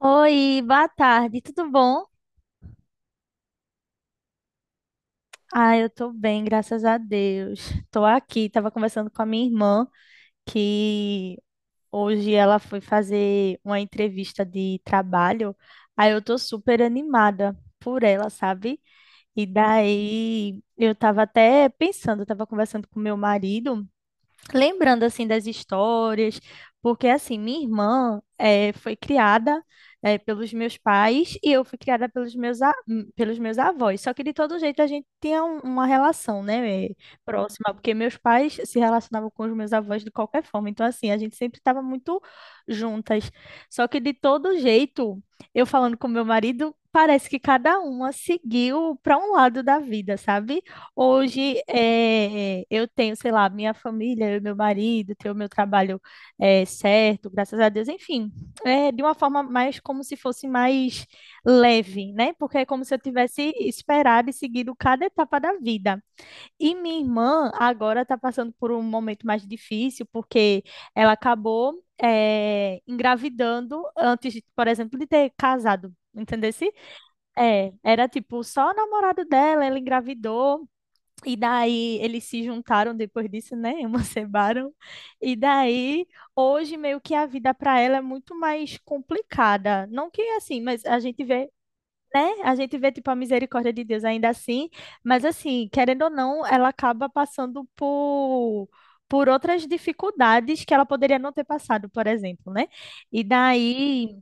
Oi, boa tarde, tudo bom? Ah, eu tô bem, graças a Deus. Tô aqui, tava conversando com a minha irmã, que hoje ela foi fazer uma entrevista de trabalho. Aí eu tô super animada por ela, sabe? E daí eu tava até pensando, eu tava conversando com meu marido, lembrando assim das histórias, porque assim, minha irmã foi criada pelos meus pais e eu fui criada pelos meus, pelos meus avós. Só que de todo jeito a gente tinha uma relação, né, próxima, porque meus pais se relacionavam com os meus avós de qualquer forma. Então assim, a gente sempre estava muito juntas. Só que de todo jeito, eu falando com meu marido, parece que cada uma seguiu para um lado da vida, sabe? Hoje eu tenho, sei lá, minha família, eu e meu marido, tenho meu trabalho certo, graças a Deus, enfim, é de uma forma mais como se fosse mais leve, né? Porque é como se eu tivesse esperado e seguido cada etapa da vida. E minha irmã agora está passando por um momento mais difícil, porque ela acabou engravidando antes, de, por exemplo, de ter casado. Entendesse? É, era tipo só o namorado dela, ela engravidou. E daí eles se juntaram depois disso, né? Emanciparam. E daí, hoje meio que a vida para ela é muito mais complicada. Não que assim, mas a gente vê, né? A gente vê tipo a misericórdia de Deus ainda assim, mas assim, querendo ou não, ela acaba passando por outras dificuldades que ela poderia não ter passado, por exemplo, né? E daí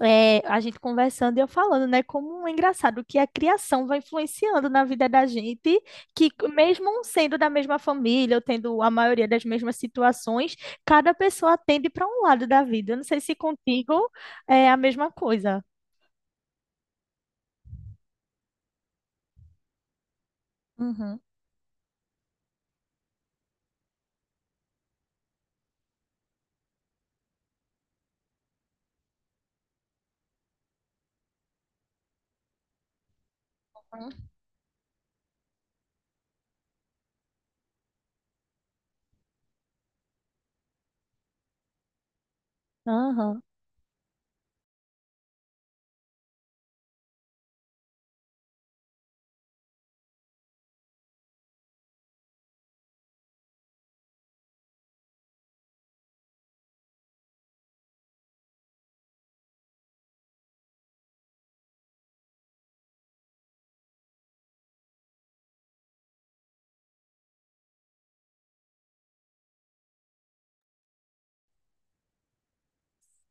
é, a gente conversando e eu falando, né? Como é engraçado que a criação vai influenciando na vida da gente, que mesmo sendo da mesma família, ou tendo a maioria das mesmas situações, cada pessoa tende para um lado da vida. Eu não sei se contigo é a mesma coisa. Uhum. Aham.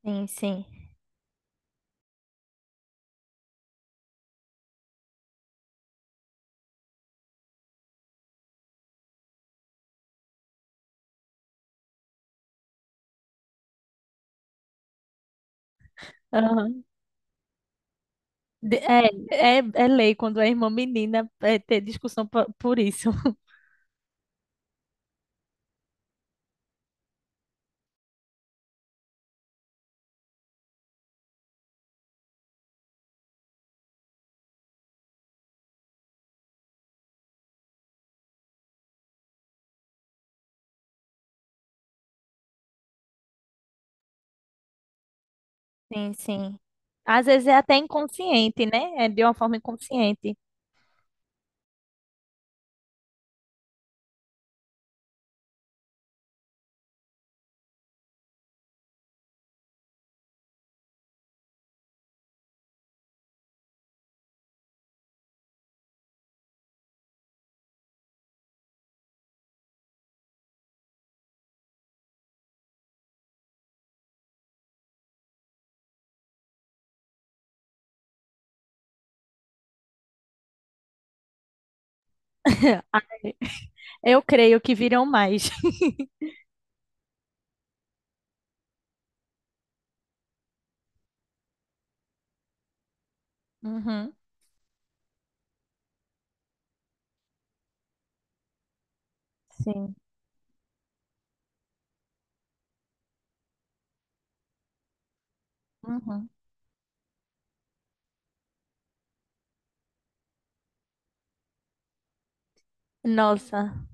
Sim, sim. De- É, é, é lei quando é irmã menina é ter discussão po- por isso. Sim, sim. Às vezes é até inconsciente, né? É de uma forma inconsciente. Ai, eu creio que virão mais. Uhum. Sim. Uhum. Nossa,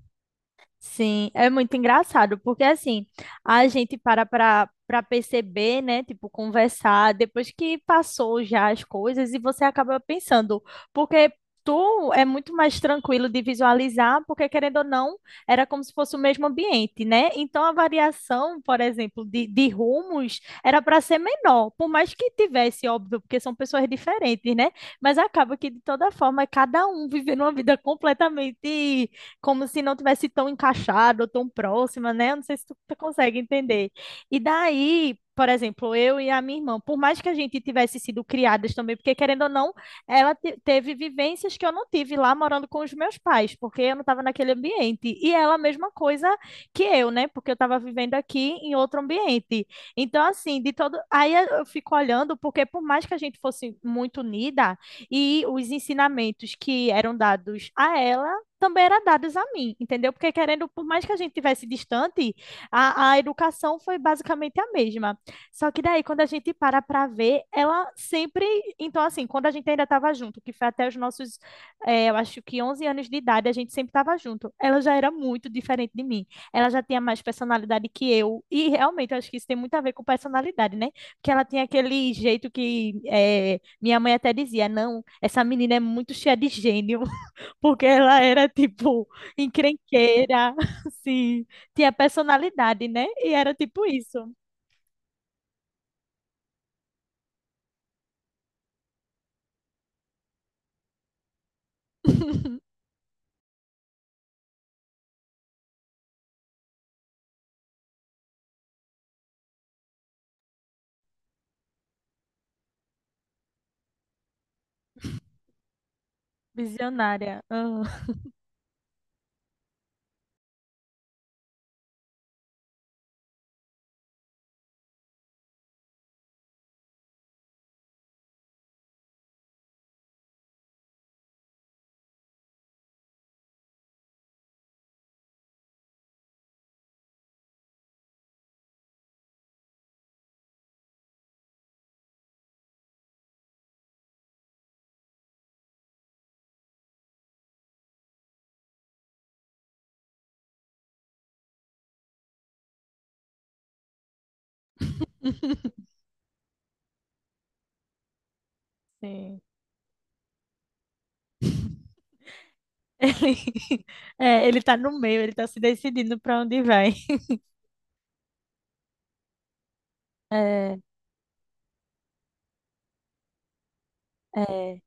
sim, é muito engraçado, porque assim, a gente para perceber, né, tipo, conversar depois que passou já as coisas e você acaba pensando, porque tu é muito mais tranquilo de visualizar, porque querendo ou não, era como se fosse o mesmo ambiente, né? Então a variação, por exemplo, de rumos era para ser menor, por mais que tivesse, óbvio, porque são pessoas diferentes, né? Mas acaba que de toda forma, cada um vivendo uma vida completamente como se não tivesse tão encaixado ou tão próxima, né? Eu não sei se tu consegue entender. E daí, por exemplo, eu e a minha irmã, por mais que a gente tivesse sido criadas também, porque querendo ou não, ela teve vivências que eu não tive lá morando com os meus pais, porque eu não estava naquele ambiente. E ela, a mesma coisa que eu, né? Porque eu estava vivendo aqui em outro ambiente. Então, assim, de todo. Aí eu fico olhando, porque por mais que a gente fosse muito unida, e os ensinamentos que eram dados a ela também eram dadas a mim, entendeu? Porque querendo, por mais que a gente tivesse distante, a educação foi basicamente a mesma. Só que daí, quando a gente para ver, ela sempre, então assim, quando a gente ainda estava junto, que foi até os nossos, eu acho que 11 anos de idade, a gente sempre estava junto. Ela já era muito diferente de mim. Ela já tinha mais personalidade que eu e realmente eu acho que isso tem muito a ver com personalidade, né? Porque ela tinha aquele jeito que minha mãe até dizia, não, essa menina é muito cheia de gênio. Porque ela era, tipo, encrenqueira, assim, tinha personalidade, né? E era tipo isso. Visionária. Ah, sim. Ele, é, ele tá no meio, ele tá se decidindo pra onde vai. É, é.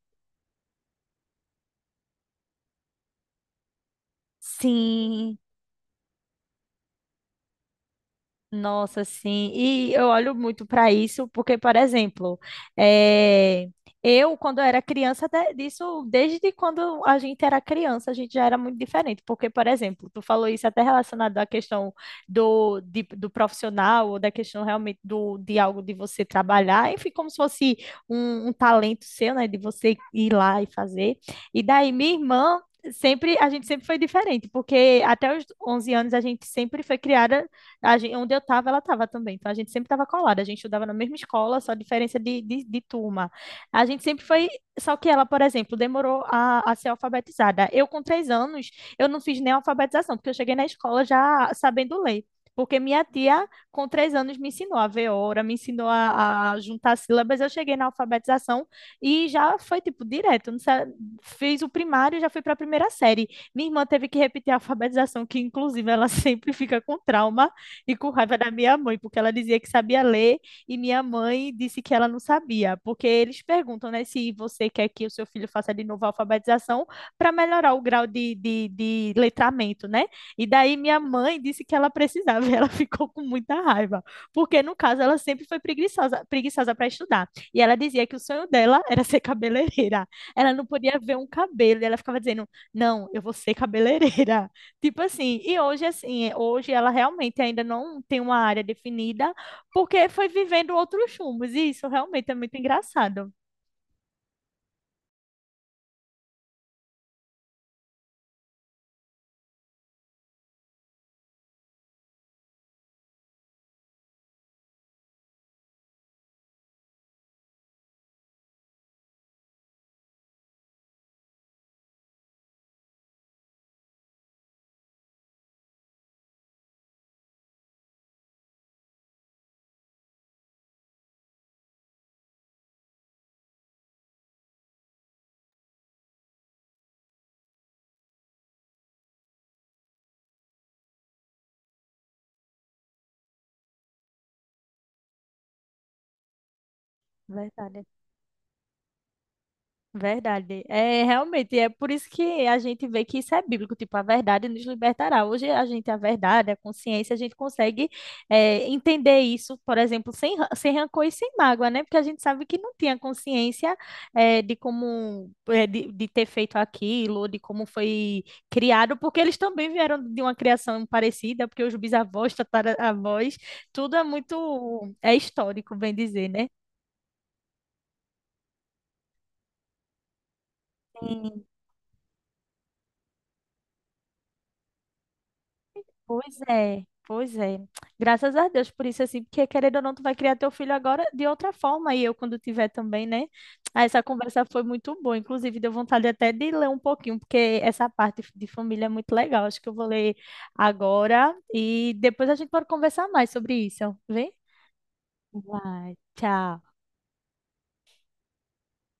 Sim. Nossa, sim. E eu olho muito para isso, porque, por exemplo, eh, eu, quando era criança, disso, desde quando a gente era criança, a gente já era muito diferente. Porque, por exemplo, tu falou isso até relacionado à questão do profissional, ou da questão realmente do, de algo de você trabalhar, enfim, como se fosse um talento seu, né, de você ir lá e fazer. E daí, minha irmã. Sempre, a gente sempre foi diferente, porque até os 11 anos a gente sempre foi criada, a gente, onde eu estava, ela estava também. Então a gente sempre estava colada. A gente estudava na mesma escola, só diferença de turma. A gente sempre foi. Só que ela, por exemplo, demorou a ser alfabetizada. Eu, com três anos, eu não fiz nem alfabetização, porque eu cheguei na escola já sabendo ler porque minha tia, com três anos, me ensinou a ver hora, me ensinou juntar sílabas. Eu cheguei na alfabetização e já foi, tipo, direto. Não sei, fiz o primário e já fui para a primeira série. Minha irmã teve que repetir a alfabetização, que, inclusive, ela sempre fica com trauma, e com raiva da minha mãe, porque ela dizia que sabia ler e minha mãe disse que ela não sabia, porque eles perguntam, né, se você quer que o seu filho faça de novo a alfabetização para melhorar o grau de letramento, né? E daí minha mãe disse que ela precisava e ela ficou com muita raiva, porque no caso ela sempre foi preguiçosa, preguiçosa para estudar. E ela dizia que o sonho dela era ser cabeleireira. Ela não podia ver um cabelo, e ela ficava dizendo: "Não, eu vou ser cabeleireira". Tipo assim, e hoje assim, é, hoje ela realmente ainda não tem uma área definida, porque foi vivendo outros rumos, e isso realmente é muito engraçado. Verdade. É realmente, é por isso que a gente vê que isso é bíblico, tipo, a verdade nos libertará. Hoje a gente, a verdade, a consciência, a gente consegue é, entender isso, por exemplo, sem, ra- sem rancor e sem mágoa, né? Porque a gente sabe que não tinha consciência é, de como, é, de ter feito aquilo, ou de como foi criado, porque eles também vieram de uma criação parecida, porque os bisavós, tataravós, tudo é muito, é histórico, bem dizer, né? Pois é, pois é. Graças a Deus por isso, assim, porque querendo ou não, tu vai criar teu filho agora de outra forma, e eu quando tiver também, né? Ah, essa conversa foi muito boa, inclusive deu vontade até de ler um pouquinho, porque essa parte de família é muito legal. Acho que eu vou ler agora e depois a gente pode conversar mais sobre isso. Vem? Vai, tchau.